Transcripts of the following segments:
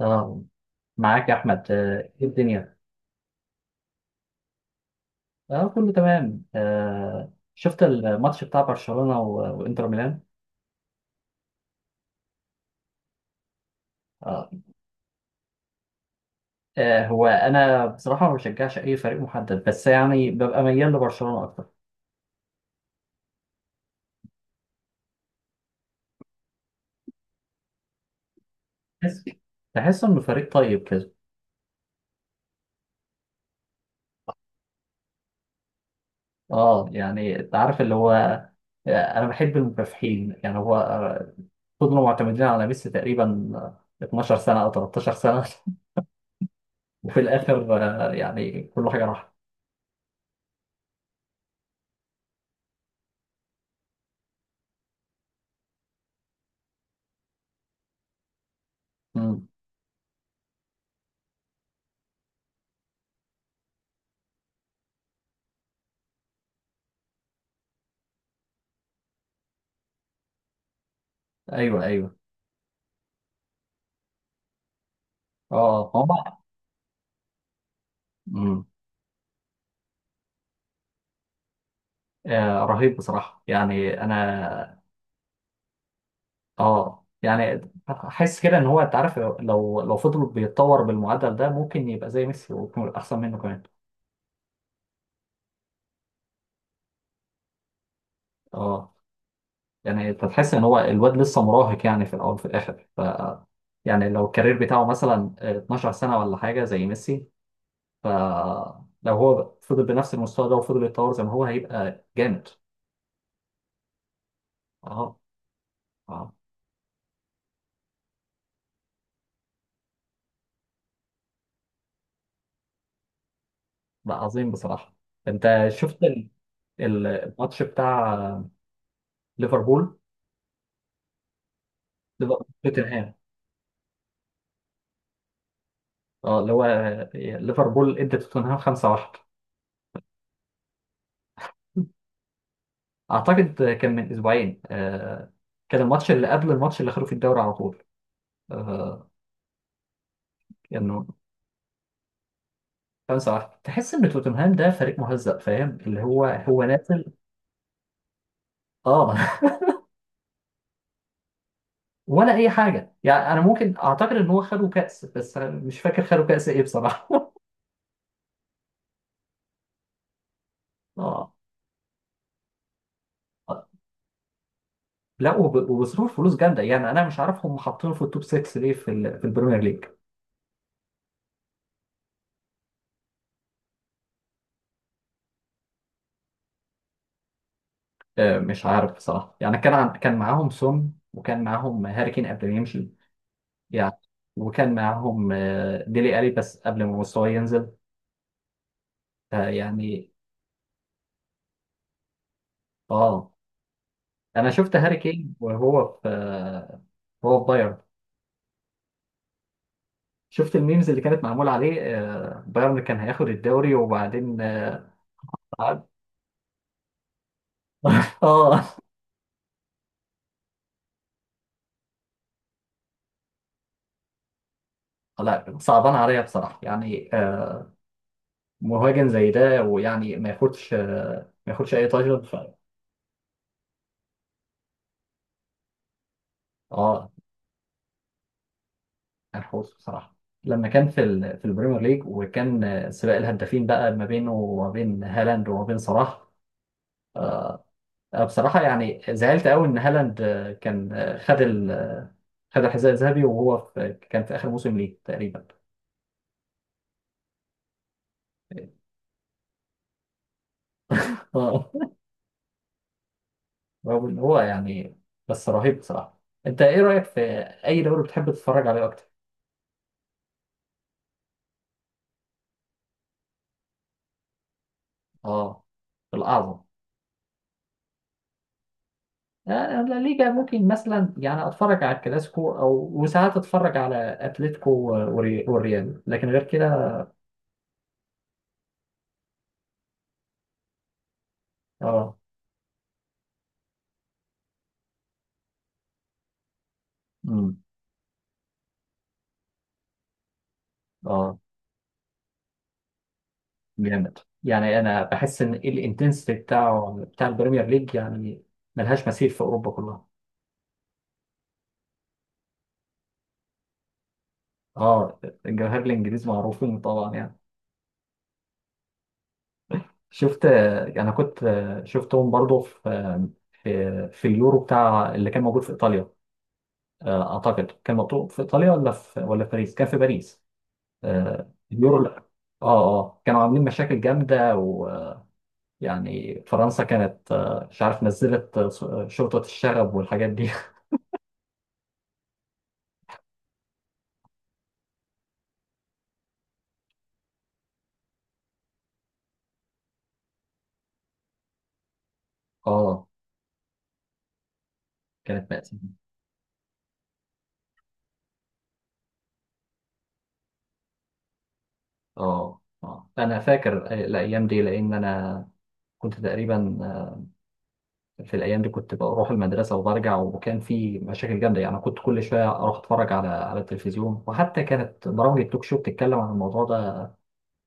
اه معاك يا احمد، ايه الدنيا؟ اه كله تمام. شفت الماتش بتاع برشلونة وانتر ميلان. آه. هو انا بصراحة ما بشجعش اي فريق محدد، بس يعني ببقى ميال لبرشلونة اكتر. بحس بحس انه فريق طيب كده. اه يعني انت عارف اللي هو، انا بحب المكافحين. يعني هو، فضلوا معتمدين على ميسي تقريبا، 12 سنة او 13 سنة وفي الاخر، يعني كل حاجة راحت. مم. ايوه، ايوه. اه. هم. مم. رهيب بصراحة يعني أنا. يعني حاسس كده إن هو، أنت عارف، لو فضل بيتطور بالمعدل ده ممكن يبقى زي ميسي ويكون أحسن منه كمان. آه يعني أنت تحس إن هو الواد لسه مراهق، يعني في الأول وفي الآخر. يعني لو الكارير بتاعه مثلا 12 سنة ولا حاجة زي ميسي، ف لو هو فضل بنفس المستوى ده وفضل يتطور زي ما هو، هيبقى جامد. آه. آه. ده عظيم بصراحة. أنت شفت الماتش بتاع ليفربول. توتنهام. اه اللي هو، ليفربول ادى توتنهام 5-1. اعتقد، كان من اسبوعين، كان الماتش اللي قبل الماتش اللي خدوا في الدوري على طول آه، كانوا 5-1. تحس ان توتنهام ده فريق مهزأ، فاهم اللي هو، هو نازل. اه ولا اي حاجه، يعني انا ممكن اعتقد ان هو خدوا كاس، بس أنا مش فاكر خدوا كاس ايه بصراحه اه. لا وبصرف فلوس جامده، يعني انا مش عارف هم حاطينه في التوب 6 ليه في في البريمير ليج. ، مش عارف بصراحة، يعني كان كان معاهم سون وكان معاهم هاري كين قبل ما يمشي يعني. وكان معاهم، ديلي ألي، بس قبل ما مستواه ينزل. فيعني. اه انا شفت هاري كين وهو في، هو في بايرن. شفت الميمز اللي كانت معمولة عليه، بايرن كان هياخد الدوري وبعدين اه. تعاد. آه، لا صعبان عليا بصراحة يعني، مهاجم زي ده ويعني ما ياخدش اي تايتل. ف. اه، الحوس بصراحة. لما كان في في البريمير ليج، وكان، سباق الهدافين بقى ما بينه وما بين هالاند وما بين صلاح. ، بصراحة يعني زعلت قوي إن هالاند، كان، خد خد الحذاء الذهبي، وهو كان في آخر موسم ليه تقريبا. اه رغم إن هو يعني، بس رهيب بصراحة. أنت إيه رأيك في أي دوري بتحب تتفرج عليه أكتر؟ اه، الأعظم. ، لا ليجا ممكن مثلا يعني اتفرج على الكلاسيكو، او وساعات اتفرج على اتلتيكو والريال، لكن غير كده. اه. امم. اه، جامد. يعني انا بحس ان الانتنسيتي بتاعه بتاع البريمير ليج يعني ملهاش مثيل في اوروبا كلها. اه. الجماهير الانجليز معروفين طبعا يعني. شفت، انا كنت شفتهم برضو في اليورو بتاع اللي كان موجود في ايطاليا. ، اعتقد كان موجود في ايطاليا ولا في، باريس، كان في باريس. ، اليورو، لا. اه، اه، كانوا عاملين مشاكل جامده. ويعني فرنسا كانت، مش عارف نزلت، شرطه الشغب والحاجات دي. اه، كانت مأساة. اه، اه، انا فاكر، الايام دي لان انا كنت تقريبا، في الايام دي كنت بروح المدرسه وبرجع، وكان في مشاكل جامده يعني، كنت كل شويه اروح اتفرج على التلفزيون، وحتى كانت برامج التوك شو بتتكلم عن الموضوع ده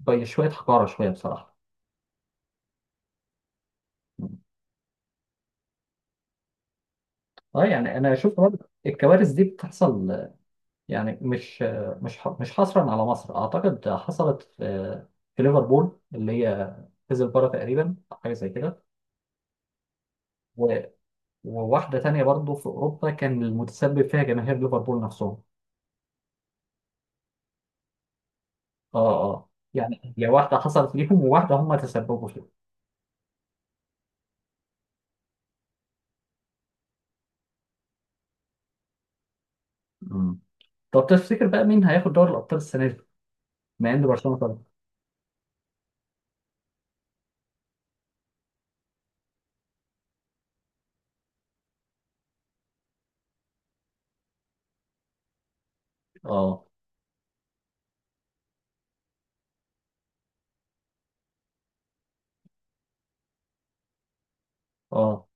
بشويه حقاره شويه بصراحه. اه، يعني انا اشوف برضه الكوارث دي بتحصل، يعني مش مش مش حصرا على مصر، اعتقد حصلت في ليفربول، اللي هي كذا تقريبا حاجه زي كده. وواحدة تانية برضه في أوروبا كان المتسبب فيها جماهير ليفربول نفسهم. اه، اه، يعني هي واحدة حصلت ليهم وواحدة هم تسببوا فيها. مم. طب تفتكر بقى مين هياخد دوري الأبطال السنة دي؟ مع إن برشلونة طبعا. اه، اه،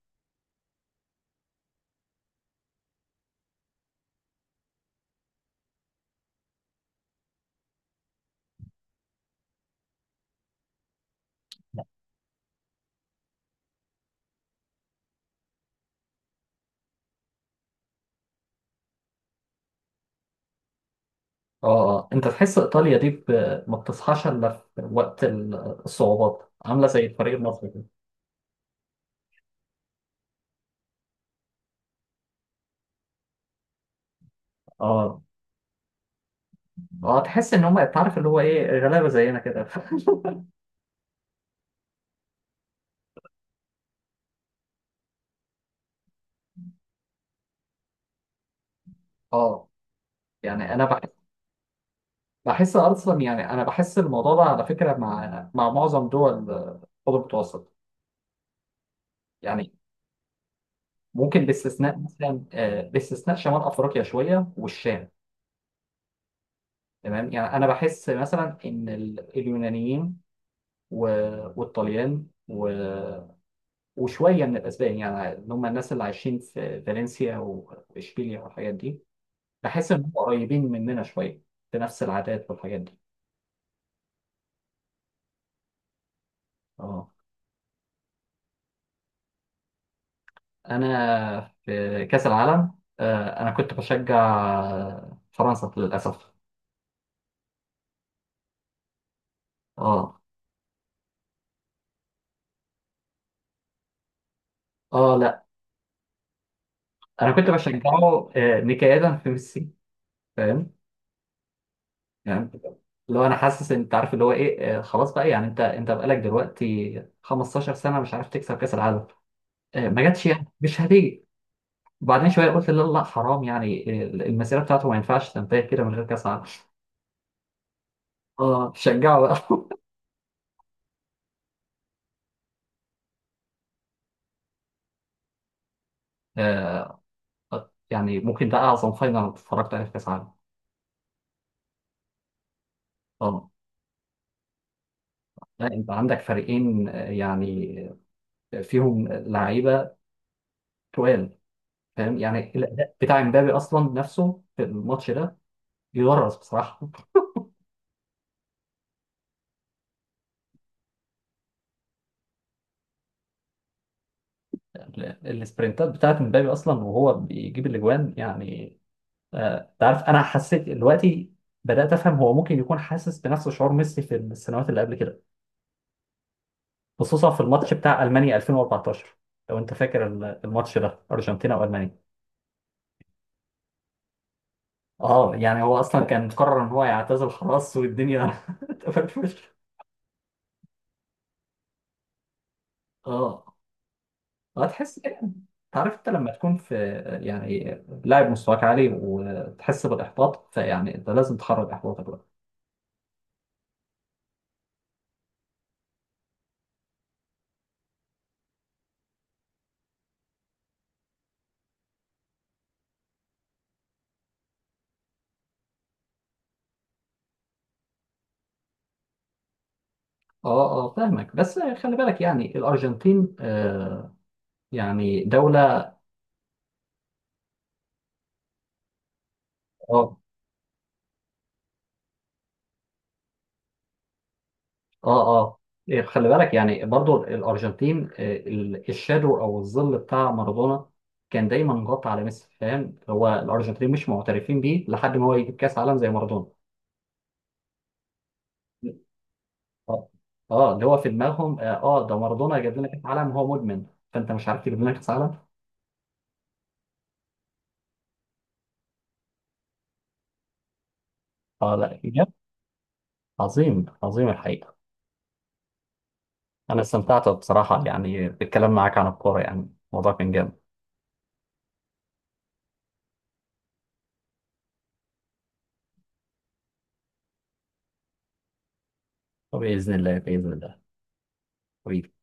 اه، اه. أنت تحس إيطاليا دي ما بتصحاش إلا في وقت الصعوبات، عاملة زي الفريق المصري كده. اه، اه، تحس إن هم، تعرف اللي هو إيه، غلابة زينا كده اه، يعني أنا بحس اصلا، يعني انا بحس الموضوع ده على فكره مع معظم دول، الخليج المتوسط. يعني ممكن باستثناء مثلا آه، باستثناء شمال افريقيا شويه والشام. تمام، يعني انا بحس مثلا ان اليونانيين والطليان وشويه من الاسبان، يعني اللي هم الناس اللي عايشين في فالنسيا واشبيليا والحاجات دي. بحس ان هم قريبين مننا شويه في نفس العادات والحاجات دي. اه. انا في كاس العالم، انا كنت بشجع فرنسا للاسف. اه، اه، لا انا كنت بشجعه، نكاية في ميسي، فاهم؟ يعني لو انا حاسس ان، انت عارف اللي هو ايه، خلاص بقى. يعني انت بقالك دلوقتي 15 سنه مش عارف تكسب كاس العالم. ، ما جاتش يعني، مش هتيجي. وبعدين شويه قلت لا، لا، حرام، يعني المسيره بتاعته ما ينفعش تنتهي كده من غير كاس عالم. اه، شجعه بقى آه، يعني ممكن ده اعظم فاينل اتفرجت عليه في كاس عالم. لا انت عندك فريقين، يعني، فيهم لعيبه تقال، فاهم؟ يعني الاداء بتاع امبابي اصلا نفسه في الماتش ده يدرس بصراحه. السبرنتات بتاعت امبابي اصلا وهو بيجيب الاجوان يعني، تعرف انا حسيت دلوقتي بدات افهم هو ممكن يكون حاسس بنفس شعور ميسي في السنوات اللي قبل كده. خصوصا في الماتش بتاع المانيا 2014، لو انت فاكر الماتش ده، ارجنتينا والمانيا. اه يعني هو اصلا كان مقرر ان هو يعتزل خلاص، والدنيا اتقفلت في وشه. اه، هتحس كده انت عارف، انت لما تكون في، يعني لاعب مستواك عالي وتحس بالاحباط، فيعني انت لازم تخرج احباطك بقى. اه، اه، فاهمك، بس خلي بالك يعني الارجنتين آه، يعني دوله. اه، اه، اه، إيه، خلي بالك يعني برضو الارجنتين، الشادو او الظل بتاع مارادونا كان دايما مغطى على ميسي، فاهم؟ هو الارجنتين مش معترفين بيه لحد ما هو يجيب كاس عالم زي مارادونا. اه، اه اللي هو في دماغهم، اه، ده مارادونا جاب لنا كاس عالم وهو مدمن، فانت مش عارف تجيب لنا كاس عالم. اه، لا بجد. عظيم، عظيم الحقيقه. انا استمتعت بصراحه يعني بالكلام معاك عن الكوره، يعني الموضوع كان جامد. وباذن الله، باذن الله، حبيبي.